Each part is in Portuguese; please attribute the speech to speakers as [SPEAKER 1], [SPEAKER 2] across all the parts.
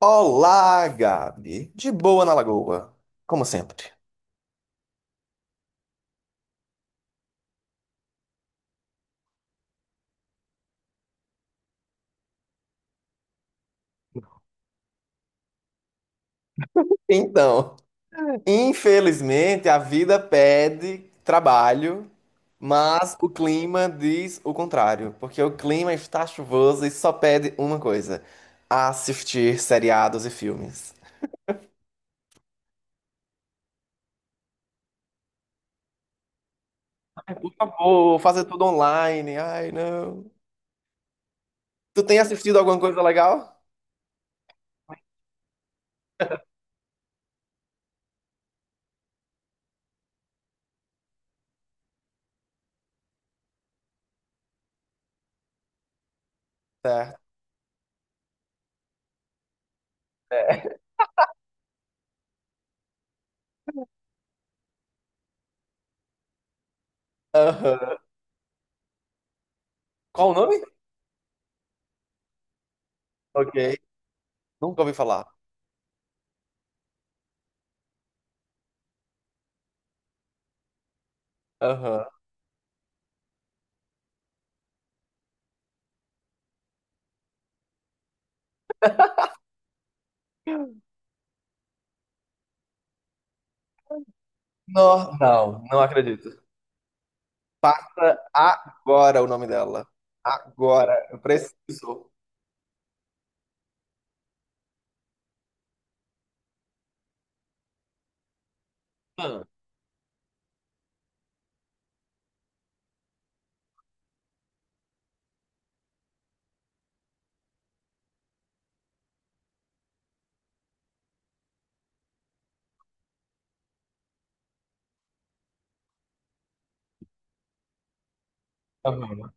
[SPEAKER 1] Olá, Gabi. De boa na lagoa, como sempre. Então, Infelizmente a vida pede trabalho, mas o clima diz o contrário, porque o clima está chuvoso e só pede uma coisa: assistir seriados e filmes. Ai, por favor, fazer tudo online. Ai, não. Tu tem assistido alguma coisa legal? Certo. Aham. Qual o nome? Ok. Nunca ouvi falar. Aham. Não, não, não acredito. Agora o nome dela. Agora, eu preciso. Ah. Aham.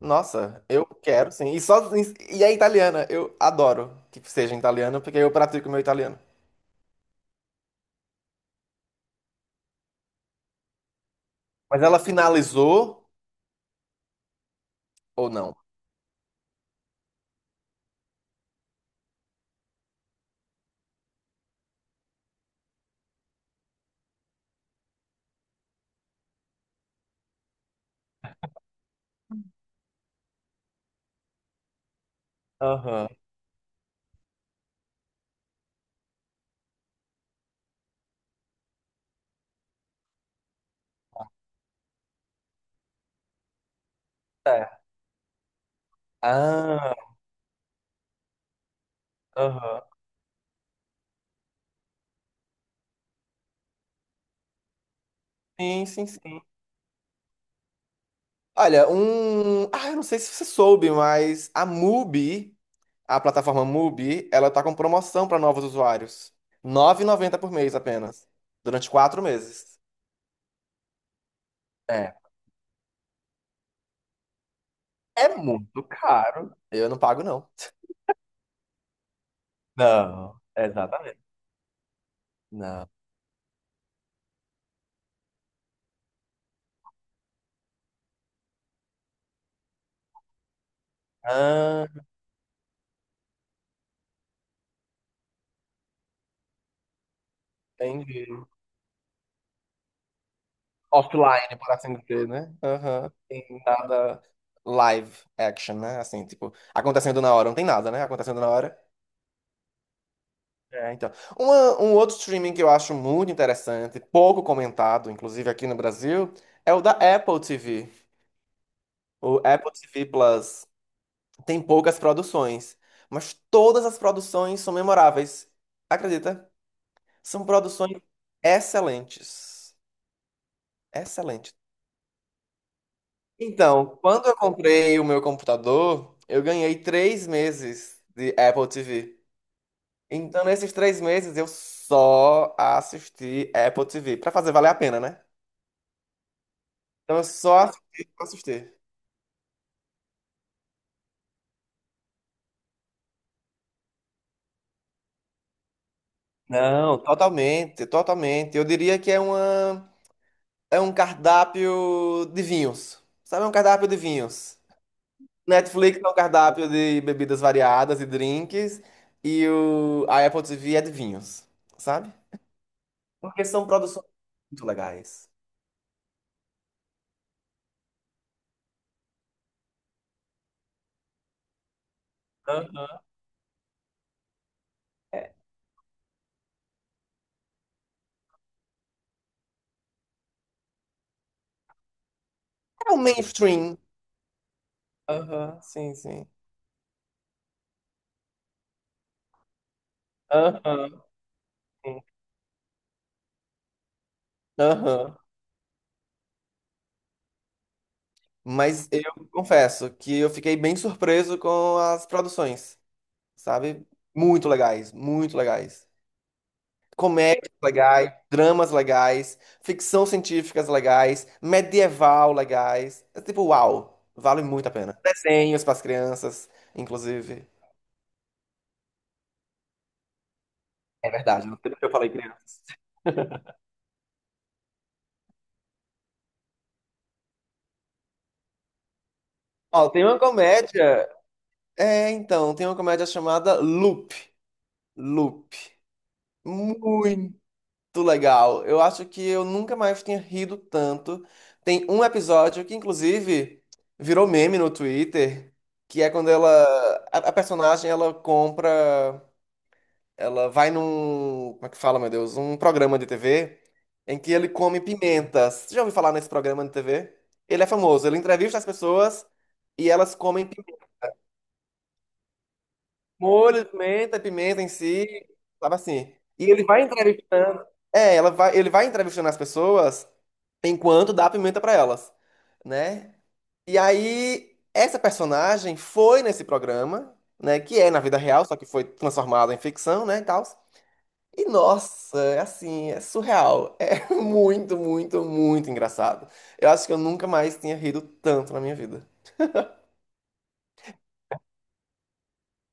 [SPEAKER 1] Nossa, eu quero sim. E é italiana, eu adoro que seja italiana, porque eu pratico meu italiano. Mas ela finalizou ou não? Aham. É. Ah, aham. Sim, sim, sim. Olha. Ah, eu não sei se você soube, mas a a plataforma Mubi, ela tá com promoção para novos usuários. R$ 90 por mês apenas. Durante 4 meses. É. É muito caro. Eu não pago, não. Não, exatamente. Não. Ah, entendi. Offline, por assim dizer, né? Aham. Tem nada live action, né? Assim, tipo, acontecendo na hora. Não tem nada, né? Acontecendo na hora. É, então. Um outro streaming que eu acho muito interessante, pouco comentado, inclusive aqui no Brasil, é o da Apple TV. O Apple TV Plus tem poucas produções, mas todas as produções são memoráveis. Acredita? São produções excelentes. Excelentes. Então, quando eu comprei o meu computador, eu ganhei 3 meses de Apple TV. Então, nesses 3 meses, eu só assisti Apple TV. Pra fazer valer a pena, né? Então, eu só assisti, só assisti. Não, totalmente, totalmente. Eu diria que é uma, é um cardápio de vinhos. Sabe, é um cardápio de vinhos. Netflix é um cardápio de bebidas variadas e drinks. A Apple TV é de vinhos, sabe? Porque são produções muito legais. Aham. É o mainstream. Aham, sim, sim. Aham, sim. Aham. Mas eu confesso que eu fiquei bem surpreso com as produções, sabe? Muito legais, muito legais. Comédias legais, dramas legais, ficção científicas legais, medieval legais. É tipo, uau, vale muito a pena. Desenhos para as crianças, inclusive. É verdade, não sei porque eu falei criança. Ó, tem uma comédia. Tem uma comédia chamada Loop. Loop. Muito legal. Eu acho que eu nunca mais tinha rido tanto. Tem um episódio que, inclusive, virou meme no Twitter, que é quando ela. A personagem ela compra. Ela vai num, como é que fala, meu Deus, um programa de TV em que ele come pimentas. Você já ouviu falar nesse programa de TV? Ele é famoso, ele entrevista as pessoas e elas comem molho de pimenta, pimenta em si, sabe assim. Ele vai entrevistando as pessoas enquanto dá pimenta pra elas, né? E aí essa personagem foi nesse programa, né, que é na vida real, só que foi transformada em ficção, né, e tal. E nossa, é assim, é surreal. É muito, muito, muito engraçado. Eu acho que eu nunca mais tinha rido tanto na minha vida.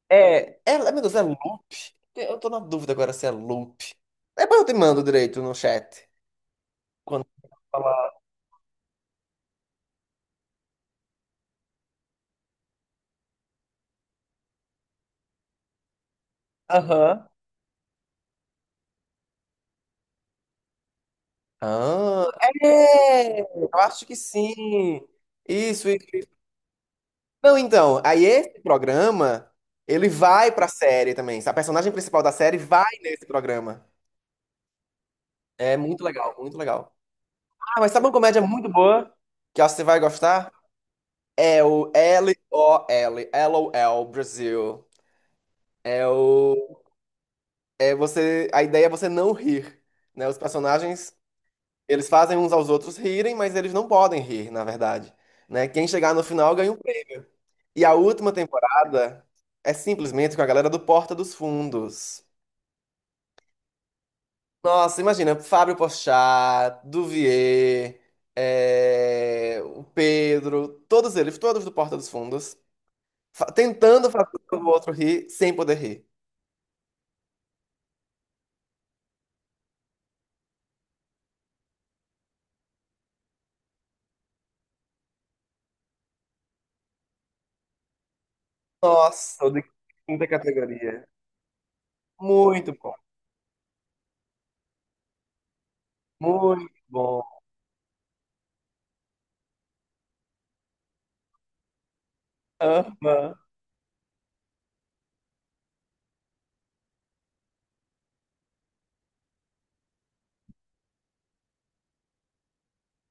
[SPEAKER 1] Meu Deus, é loop? Eu tô na dúvida agora se é loop. Depois eu te mando direito no chat. Quando eu falar. Aham. Ah, é! Eu acho que sim. Isso, isso, isso. Não, então, aí esse programa, ele vai pra série também. A personagem principal da série vai nesse programa. É muito legal, muito legal. Ah, mas sabe uma comédia muito boa que eu acho que você vai gostar? É o LOL, LOL Brasil. É o. É você. A ideia é você não rir, né? Os personagens, eles fazem uns aos outros rirem, mas eles não podem rir, na verdade, né? Quem chegar no final ganha um prêmio. E a última temporada é simplesmente com a galera do Porta dos Fundos. Nossa, imagina, Fábio Porchat, Duvier, o Pedro, todos eles, todos do Porta dos Fundos. Tentando fazer o outro rir sem poder rir. Nossa, o de quinta categoria. Muito bom, muito bom. Aham.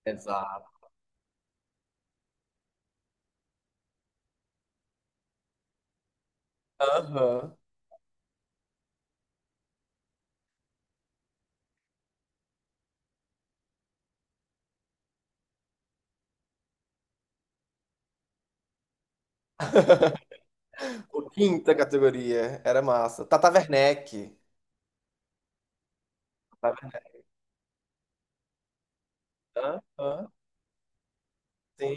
[SPEAKER 1] Exato. Aham. O quinta categoria era massa. Tata Werneck. Tata Werneck. Aham. Sim.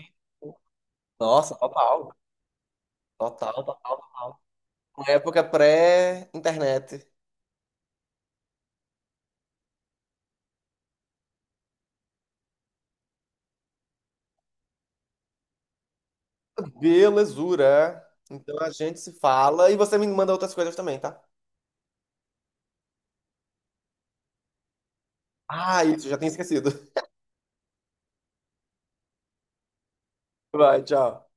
[SPEAKER 1] Nossa, total. Total, total, total. Uma época pré-internet. Belezura. Então a gente se fala e você me manda outras coisas também, tá? Ah, isso, já tinha esquecido. Vai, tchau.